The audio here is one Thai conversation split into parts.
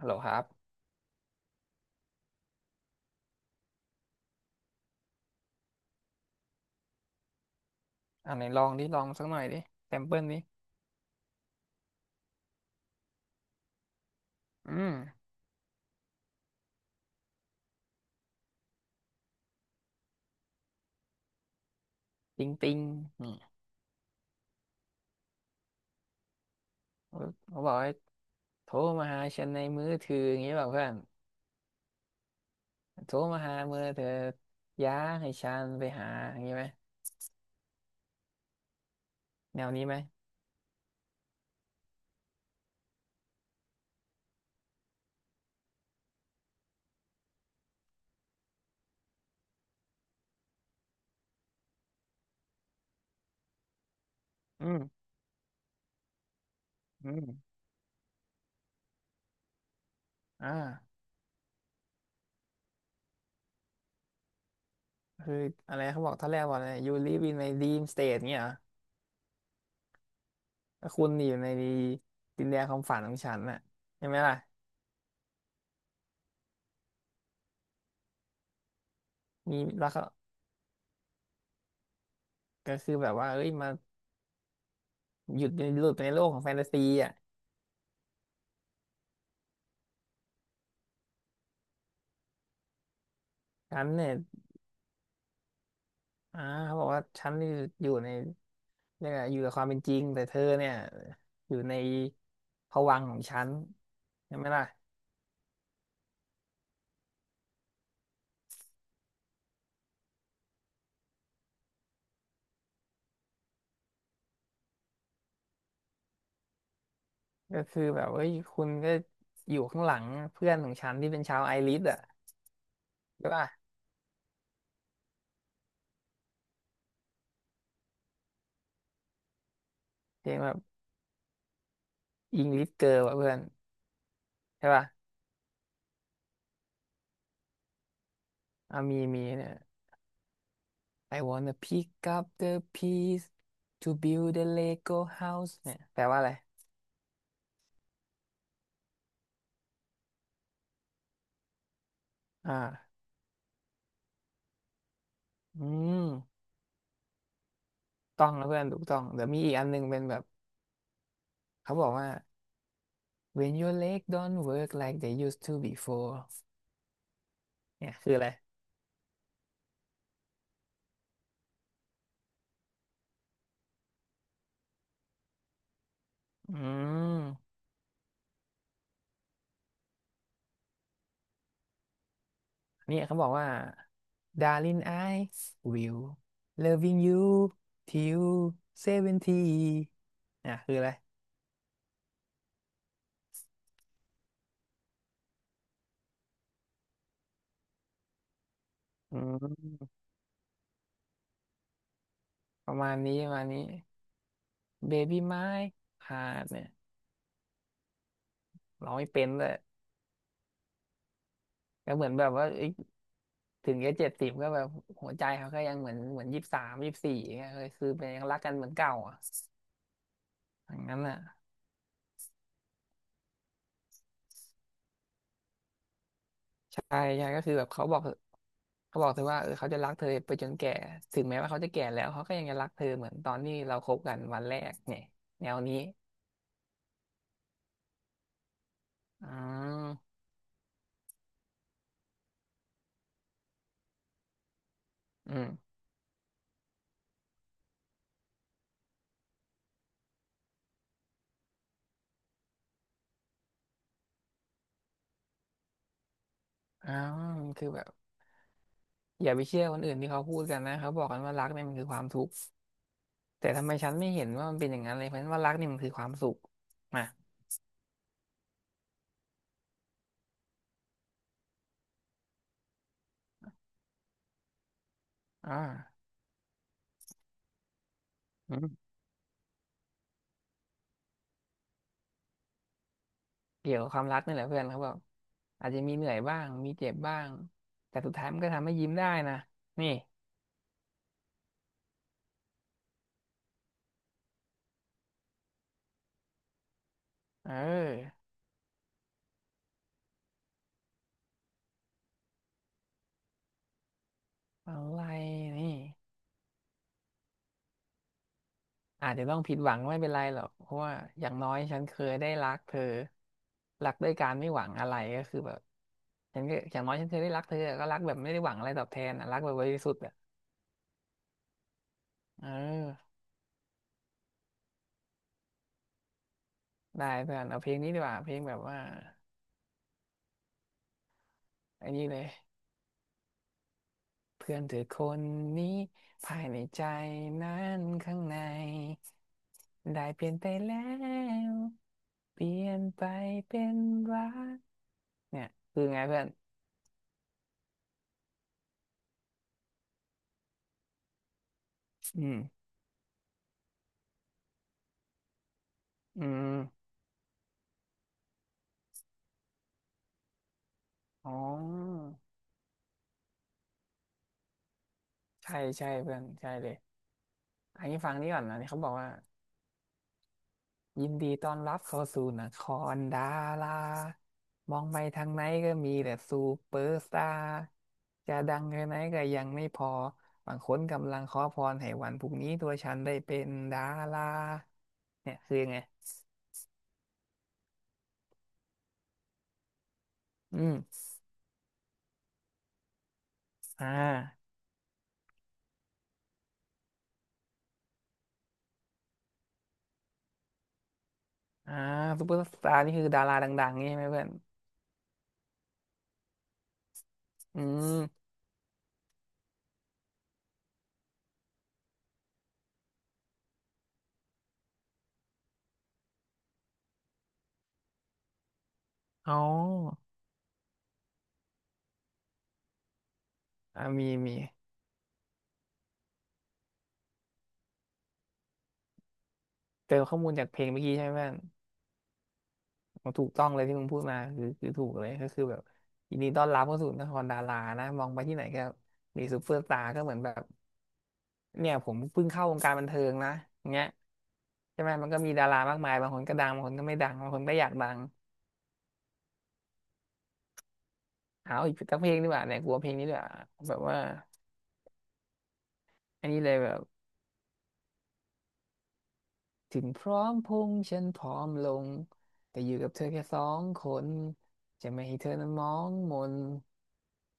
ฮัลโหลครับอันไหนลองดิลองสักหน่อยดิแซมเปิลดิอืมติงติงนี่เขาเขาบอกให้โทรมาหาฉันในมือถืออย่างนี้แบบเพื่อนโทรมาหามือเธอย้าให้ฉันไปหาอย่างนี้ไหม แนวนี้ไหม อืม อืม อ่า คืออะไรเขาบอกท่าแรกว่าอะไร you live in my dream state เงี้ยเหรอก็คุณอยู่ในดินแดนความฝันของฉันน่ะใช่ไหมล่ะมีแล้วก็ก็คือแบบว่าเอ้ยมาหยุดใหลุดไปในโลกของแฟนตาซีอ่ะฉันเนี่ย อ่าเขาบอกว่าฉันอยู่อยู่ในเรียกอะไรอยู่กับความเป็นจริงแต่เธอเนี่ยอยู่ในภวังค์ของฉันใช่ไหมล่ะก็คือแบบเอ้ยคุณก็อยู่ข้างหลังเพื่อนของฉันที่เป็นชาวไอริสอ่ะใช่ป่ะเพลงแบบอิงลิสเกิร์ลอ่ะเพื่อนใช่ป่ะอ่ะมีเนี่ย I wanna pick up the piece to build a Lego house เนี่ยแปลว่าอะไรอ่าอืมต้องนะเพื่อนถูกต้องเดี๋ยวมีอีกอันหนึงเป็นแบบเขาบอกว่า When your leg don't work like they used to before เนี่ยคืออะไร อืมเนี่ยเขาบอกว่า Darling I will loving you till seventy เนี่ยคืออะไร อืม ประมาณนี้ประมาณนี้ Baby my heart เนี่ยร้องไม่เป็นเลยก็เหมือนแบบว่าเอ้ยถึงแค่70ก็แบบหัวใจเขาก็ยังเหมือน2324เงี้ยเลยคือเป็นยังรักกันเหมือนเก่าอ่ะอย่างนั้นอ่ะ ใช่ใช่ก็คือแบบเขาบอกเธอว่าเออเขาจะรักเธอไปจนแก่ถึงแม้ว่าเขาจะแก่แล้วเขาก็ยังจะรักเธอเหมือนตอนที่เราคบกันวันแรกเนี่ยแนวนี้อ๋ออืมอ๋อคือแบบอย่าไปเชื่อคนอื่นที่เขาพูดกันนะเขาบอกกันว่ารักเนี่ยมันคือความทุกข์แต่ทำไมฉันไม่เห็นว่ามันเป็นอย่างนั้นเลยเพราะฉะนั้นว่ารักเนี่ยมันคือความสุขมาอ่าอืมเกี่ยวกับความรักนี่แหละเพื่อนเขาบอกอาจจะมีเหนื่อยบ้างมีเจ็บบ้างแต่สุดท้ายมันก็ทำให้ยิ้มได้นะนี่เอออะไรนี่ อาจจะต้องผิดหวังไม่เป็นไรหรอกเพราะว่าอย่างน้อยฉันเคยได้รักเธอรักด้วยการไม่หวังอะไรก็คือแบบฉันก็อย่างน้อยฉันเคยได้รักเธอก็รักแบบไม่ได้หวังอะไรตอบแทนอะรักแบบบริสุทธิ์อะเออได้เพื่อนเอาเพลงนี้ดีกว่าเพลงแบบว่าอันนี้เลยเพื่อนเธอคนนี้ภายในใจนั้นข้างในได้เปลี่ยนไปแล้วเปลี่ยนไปเป็นรักเนี่ยคือไงเพื่อนอืมอืม อ๋อใช่ใช่เพื่อนใช่เลยอันนี้ฟังนี่ก่อนนะนี่เขาบอกว่ายินดีต้อนรับเข้าสู่นครดารามองไปทางไหนก็มีแต่ซูเปอร์สตาร์จะดังแค่ไหนก็ยังไม่พอบางคนกำลังขอพรให้วันพรุ่งนี้ตัวฉันได้เป็นดาราเนี่ยคือยังไงอืมอ่าอ่าซูเปอร์สตาร์นี่คือดาราดังๆนี่ใช่ไหมเพื่อนอืมอ๋ออ่ามีเจอข้อมูลจากเพลงเมื่อกี้ใช่ไหมเพื่อน ถูกต้องเลยที่มึงพูดมาคือถูกเลยก็คือแบบยินดีต้อนรับเข้าสู่นครดารานะมองไปที่ไหนก็มีซูเปอร์สตาร์ก็เหมือนแบบ เนี่ยผมเพิ่งเข้าวงการบันเทิงนะอย่างเงี้ยใช่ไหมมันก็มีดารามากมายบางคนก็ดัง บางคนก็ไม่ดังบางคนก็อยากดังเอาอีกสักเพลงดีกว่าเนี่ยกลัวเพลงนี้ดีกว่าแบบว่า อันนี้เลยแบบถึงพร้อมพงษ์ฉันพร้อมลงแต่อยู่กับเธอแค่สองคนจะไม่ให้เธอนั้นมองมน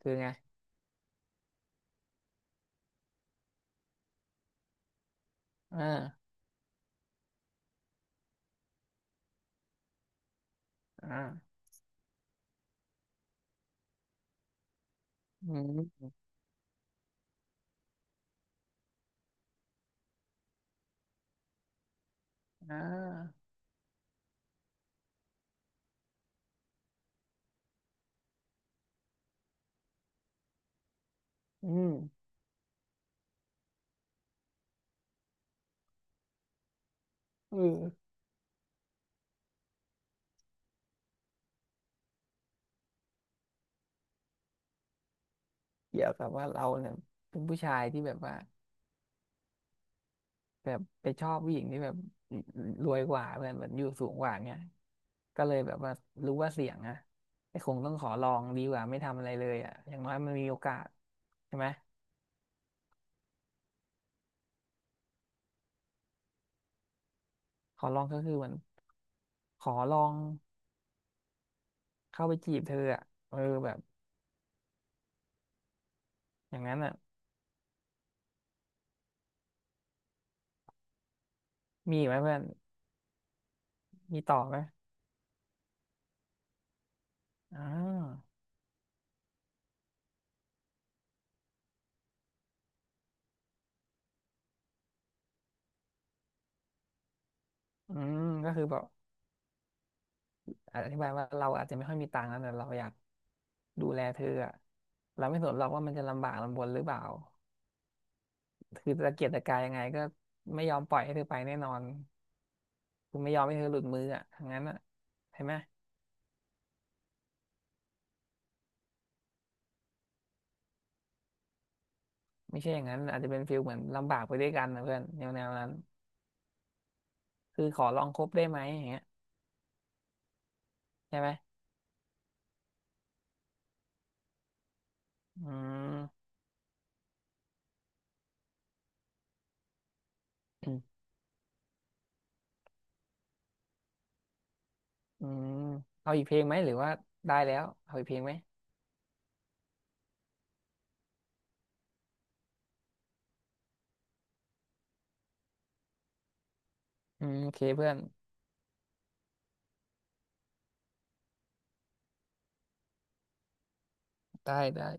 คือไงอ่าอ่าอืมอ่าอืมอืม เกี่ยวกับว่าเราเนี่ยเป็นผู้ชายที่แบบว่าแบบไปชอบผู้หญิงที่แบบรวยกว่าเพื่อนแบบอยู่สูงกว่าเงี้ยก็เลยแบบว่ารู้ว่าเสี่ยงอะไอ้คงต้องขอลองดีกว่าไม่ทำอะไรเลยอะอย่างน้อยมันมีโอกาสใช่ไหมขอลองก็คือเหมือนขอลองเข้าไปจีบเธออะเออแบบอย่างนั้นอะมีอีกไหมเพื่อนมีต่อไหมอ่าอืมก็คือแบบอธิบายว่าเราอาจจะไม่ค่อยมีตังค์นะแต่เราอยากดูแลเธออะเราไม่สนหรอกว่ามันจะลำบากลำบนหรือเปล่า คือตะเกียกตะกายยังไงก็ไม่ยอมปล่อยให้เธอไปแน่นอนคือไม่ยอมให้เธอหลุดมืออ่ะทั้งนั้นอ่ะใช่ไหมไม่ใช่อย่างนั้นอาจจะเป็นฟีลเหมือนลำบากไปด้วยกันนะเพื่อนแนวนั้นคือขอลองคบได้ไหมอย่างเงี้ยใช่ไหมอืมอืมอืมเอาอีกเพลงไหมหรือว่าได้แล้วเอาอีกเพลงไหมอืมโอเคเพื่อนได้ได้